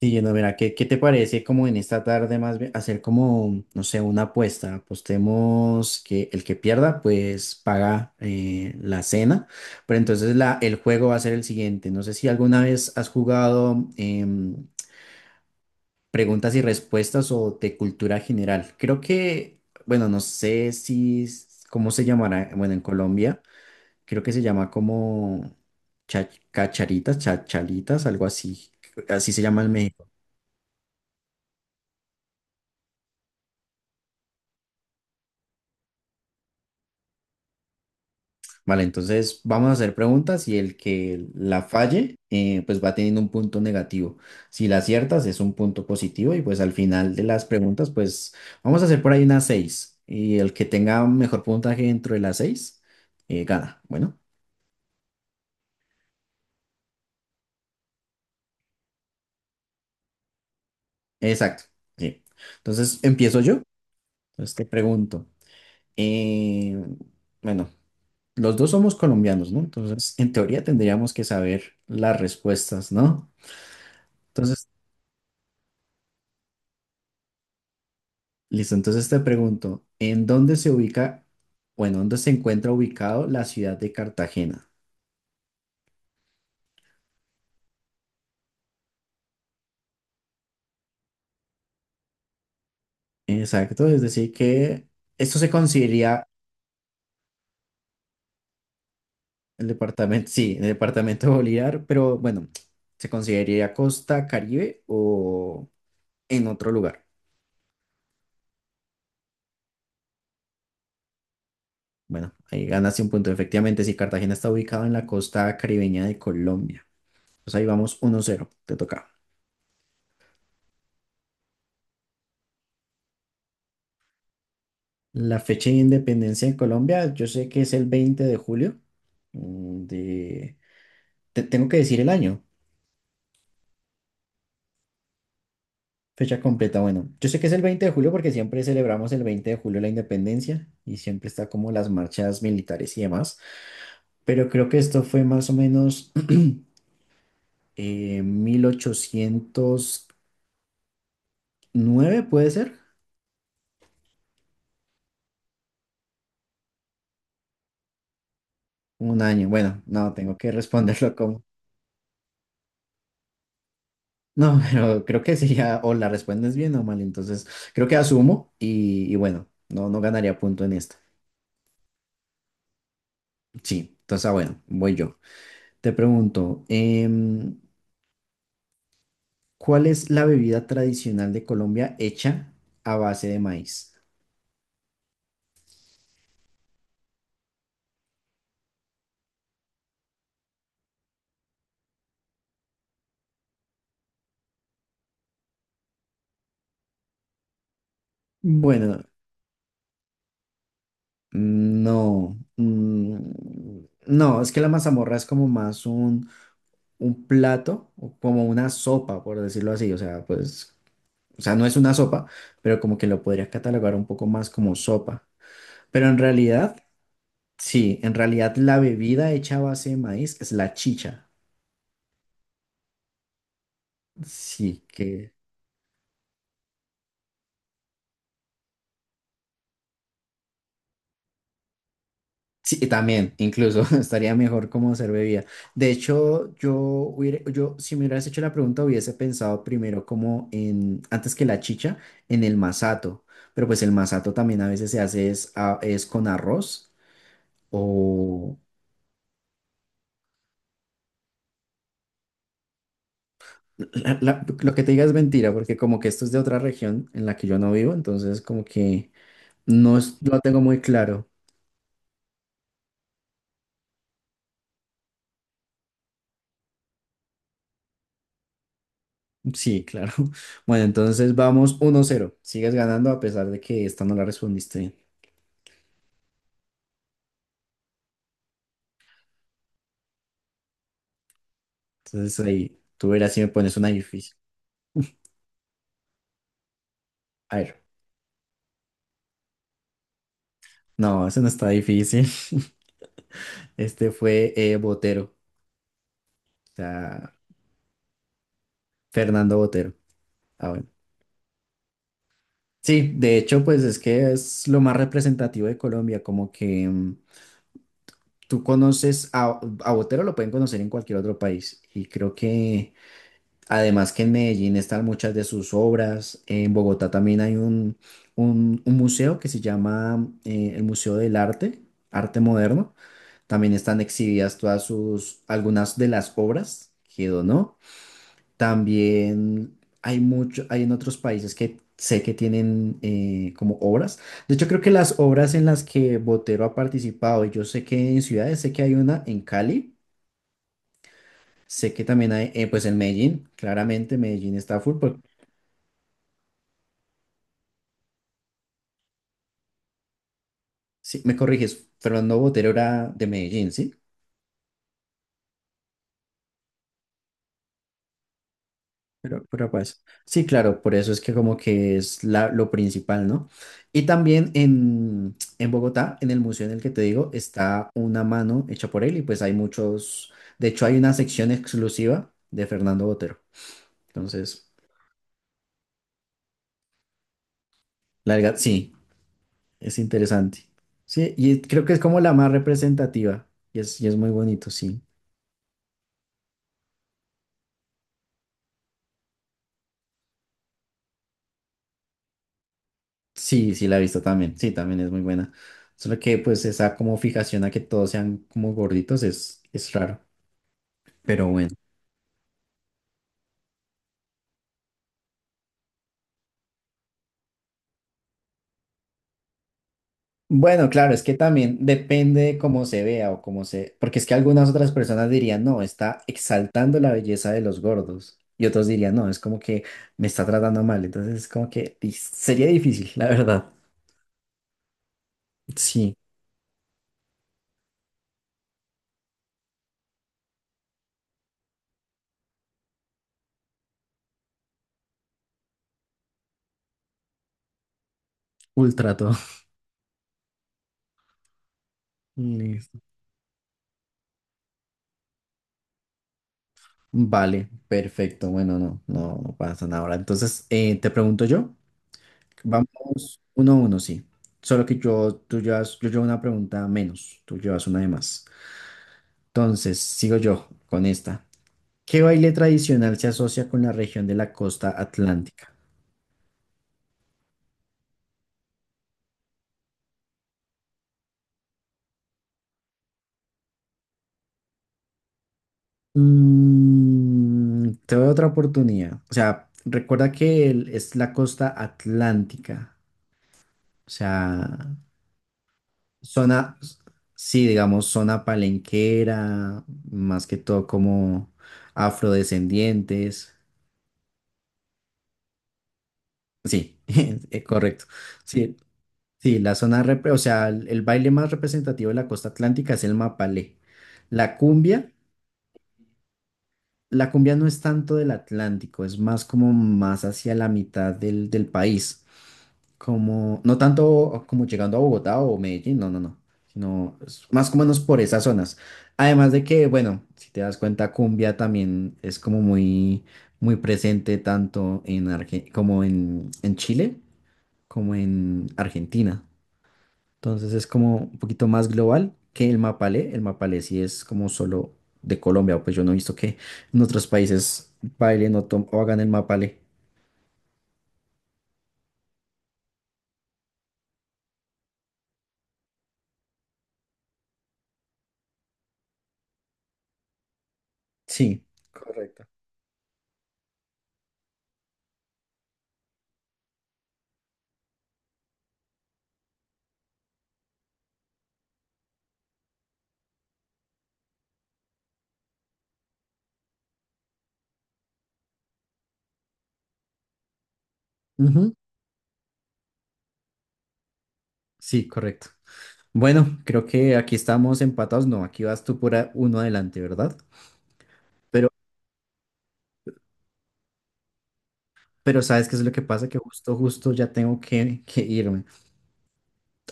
Sí, no, mira, ¿qué te parece como en esta tarde más bien hacer como, no sé, una apuesta? Apostemos que el que pierda pues paga la cena, pero entonces el juego va a ser el siguiente. No sé si alguna vez has jugado preguntas y respuestas o de cultura general. Creo que, bueno, no sé si, cómo se llamará, bueno, en Colombia creo que se llama como cacharitas, chachalitas, algo así. Así se llaman. Vale, entonces vamos a hacer preguntas y el que la falle, pues va teniendo un punto negativo. Si la aciertas, es un punto positivo y pues al final de las preguntas, pues vamos a hacer por ahí unas seis. Y el que tenga mejor puntaje dentro de las seis, gana. Bueno, exacto. Sí. Entonces empiezo yo. Entonces te pregunto. eh, bueno, los dos somos colombianos, ¿no? Entonces, en teoría tendríamos que saber las respuestas, ¿no? Entonces. Listo, entonces te pregunto, ¿en dónde se ubica o en dónde se encuentra ubicado la ciudad de Cartagena? Exacto, es decir, que esto se consideraría el departamento, sí, el departamento de Bolívar, pero bueno, ¿se consideraría Costa Caribe o en otro lugar? Bueno, ahí ganaste un punto. Efectivamente, si Cartagena está ubicado en la costa caribeña de Colombia. Pues ahí vamos 1-0. Te toca. La fecha de independencia de Colombia, yo sé que es el 20 de julio mm, de Te tengo que decir el año. Fecha completa. Bueno, yo sé que es el 20 de julio porque siempre celebramos el 20 de julio la independencia y siempre está como las marchas militares y demás, pero creo que esto fue más o menos 1809, ¿puede ser? Un año. Bueno, no, tengo que responderlo como. No, pero creo que sería o la respondes bien o mal, entonces creo que asumo y bueno, no, no ganaría punto en esta. Sí, entonces ah, bueno, voy yo. Te pregunto. ¿Cuál es la bebida tradicional de Colombia hecha a base de maíz? Bueno, no. No, es que la mazamorra es como más un plato, o como una sopa, por decirlo así. O sea, pues, o sea, no es una sopa, pero como que lo podrías catalogar un poco más como sopa. Pero en realidad, sí, en realidad la bebida hecha a base de maíz es la chicha. Sí, que. Sí, y también, incluso estaría mejor como hacer bebida. De hecho, yo, si me hubieras hecho la pregunta, hubiese pensado primero como en, antes que la chicha, en el masato. Pero pues el masato también a veces se hace es con arroz o. Lo que te diga es mentira, porque como que esto es de otra región en la que yo no vivo, entonces como que no lo tengo muy claro. Sí, claro. Bueno, entonces vamos 1-0. Sigues ganando a pesar de que esta no la respondiste bien. Entonces ahí, tú verás si me pones una difícil. A ver, no, eso no está difícil. Este fue Botero, o sea, Fernando Botero. Ah, bueno. Sí, de hecho, pues es que es lo más representativo de Colombia, como que tú conoces a Botero, lo pueden conocer en cualquier otro país. Y creo que además que en Medellín están muchas de sus obras, en Bogotá también hay un museo que se llama el Museo del Arte, Arte Moderno. También están exhibidas todas sus, algunas de las obras que donó. También hay en otros países que sé que tienen como obras. De hecho, creo que las obras en las que Botero ha participado, y yo sé que en ciudades, sé que hay una en Cali, sé que también hay, pues en Medellín, claramente Medellín está full. Sí, me corriges, Fernando Botero era de Medellín, ¿sí? Pero pues, sí, claro, por eso es que como que es lo principal, ¿no? Y también en Bogotá, en el museo en el que te digo, está una mano hecha por él y pues hay muchos, de hecho hay una sección exclusiva de Fernando Botero. Entonces, la verdad, sí, es interesante. Sí, y creo que es como la más representativa y es muy bonito, sí. Sí, sí, la he visto también, sí, también es muy buena. Solo que pues esa como fijación a que todos sean como gorditos es raro, pero bueno. Bueno, claro, es que también depende de cómo se vea o cómo se. Porque es que algunas otras personas dirían, no, está exaltando la belleza de los gordos. Y otros dirían, no, es como que me está tratando mal. Entonces es como que sería difícil, la verdad. Sí, ultra todo. Listo. Vale, perfecto. Bueno, no, no, no pasa nada ahora. Entonces, te pregunto yo. Vamos 1-1, sí. Solo que yo, tú llevas, yo llevo una pregunta menos, tú llevas una de más. Entonces, sigo yo con esta. ¿Qué baile tradicional se asocia con la región de la costa atlántica? Mm, te doy otra oportunidad. O sea, recuerda que es la costa atlántica. O sea, zona, sí, digamos, zona palenquera, más que todo como afrodescendientes. Sí, correcto. Sí, sí, la zona, o sea, el baile más representativo de la costa atlántica es el mapalé. La cumbia. La cumbia no es tanto del Atlántico, es más como más hacia la mitad del país, como no tanto como llegando a Bogotá o Medellín, no, no, no, sino es más o menos por esas zonas. Además de que, bueno, si te das cuenta, cumbia también es como muy, muy presente tanto en como en Chile como en Argentina. Entonces es como un poquito más global que el Mapale. El Mapale sí es como solo de Colombia, pues yo no he visto que en otros países bailen o hagan el Mapale. Sí, correcto. Ujú. Sí, correcto. Bueno, creo que aquí estamos empatados. No, aquí vas tú por uno adelante, ¿verdad? Pero, pero ¿sabes qué es lo que pasa? Que justo, justo ya tengo que irme.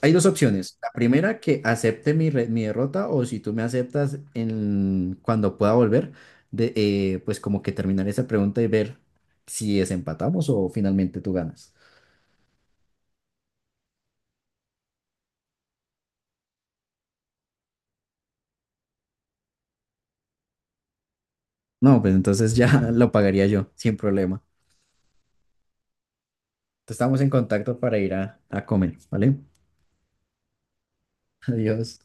Hay dos opciones. La primera, que acepte mi derrota o si tú me aceptas cuando pueda volver, pues como que terminar esa pregunta y ver si desempatamos o finalmente tú ganas. No, pues entonces ya lo pagaría yo, sin problema. Estamos en contacto para ir a comer, ¿vale? Adiós.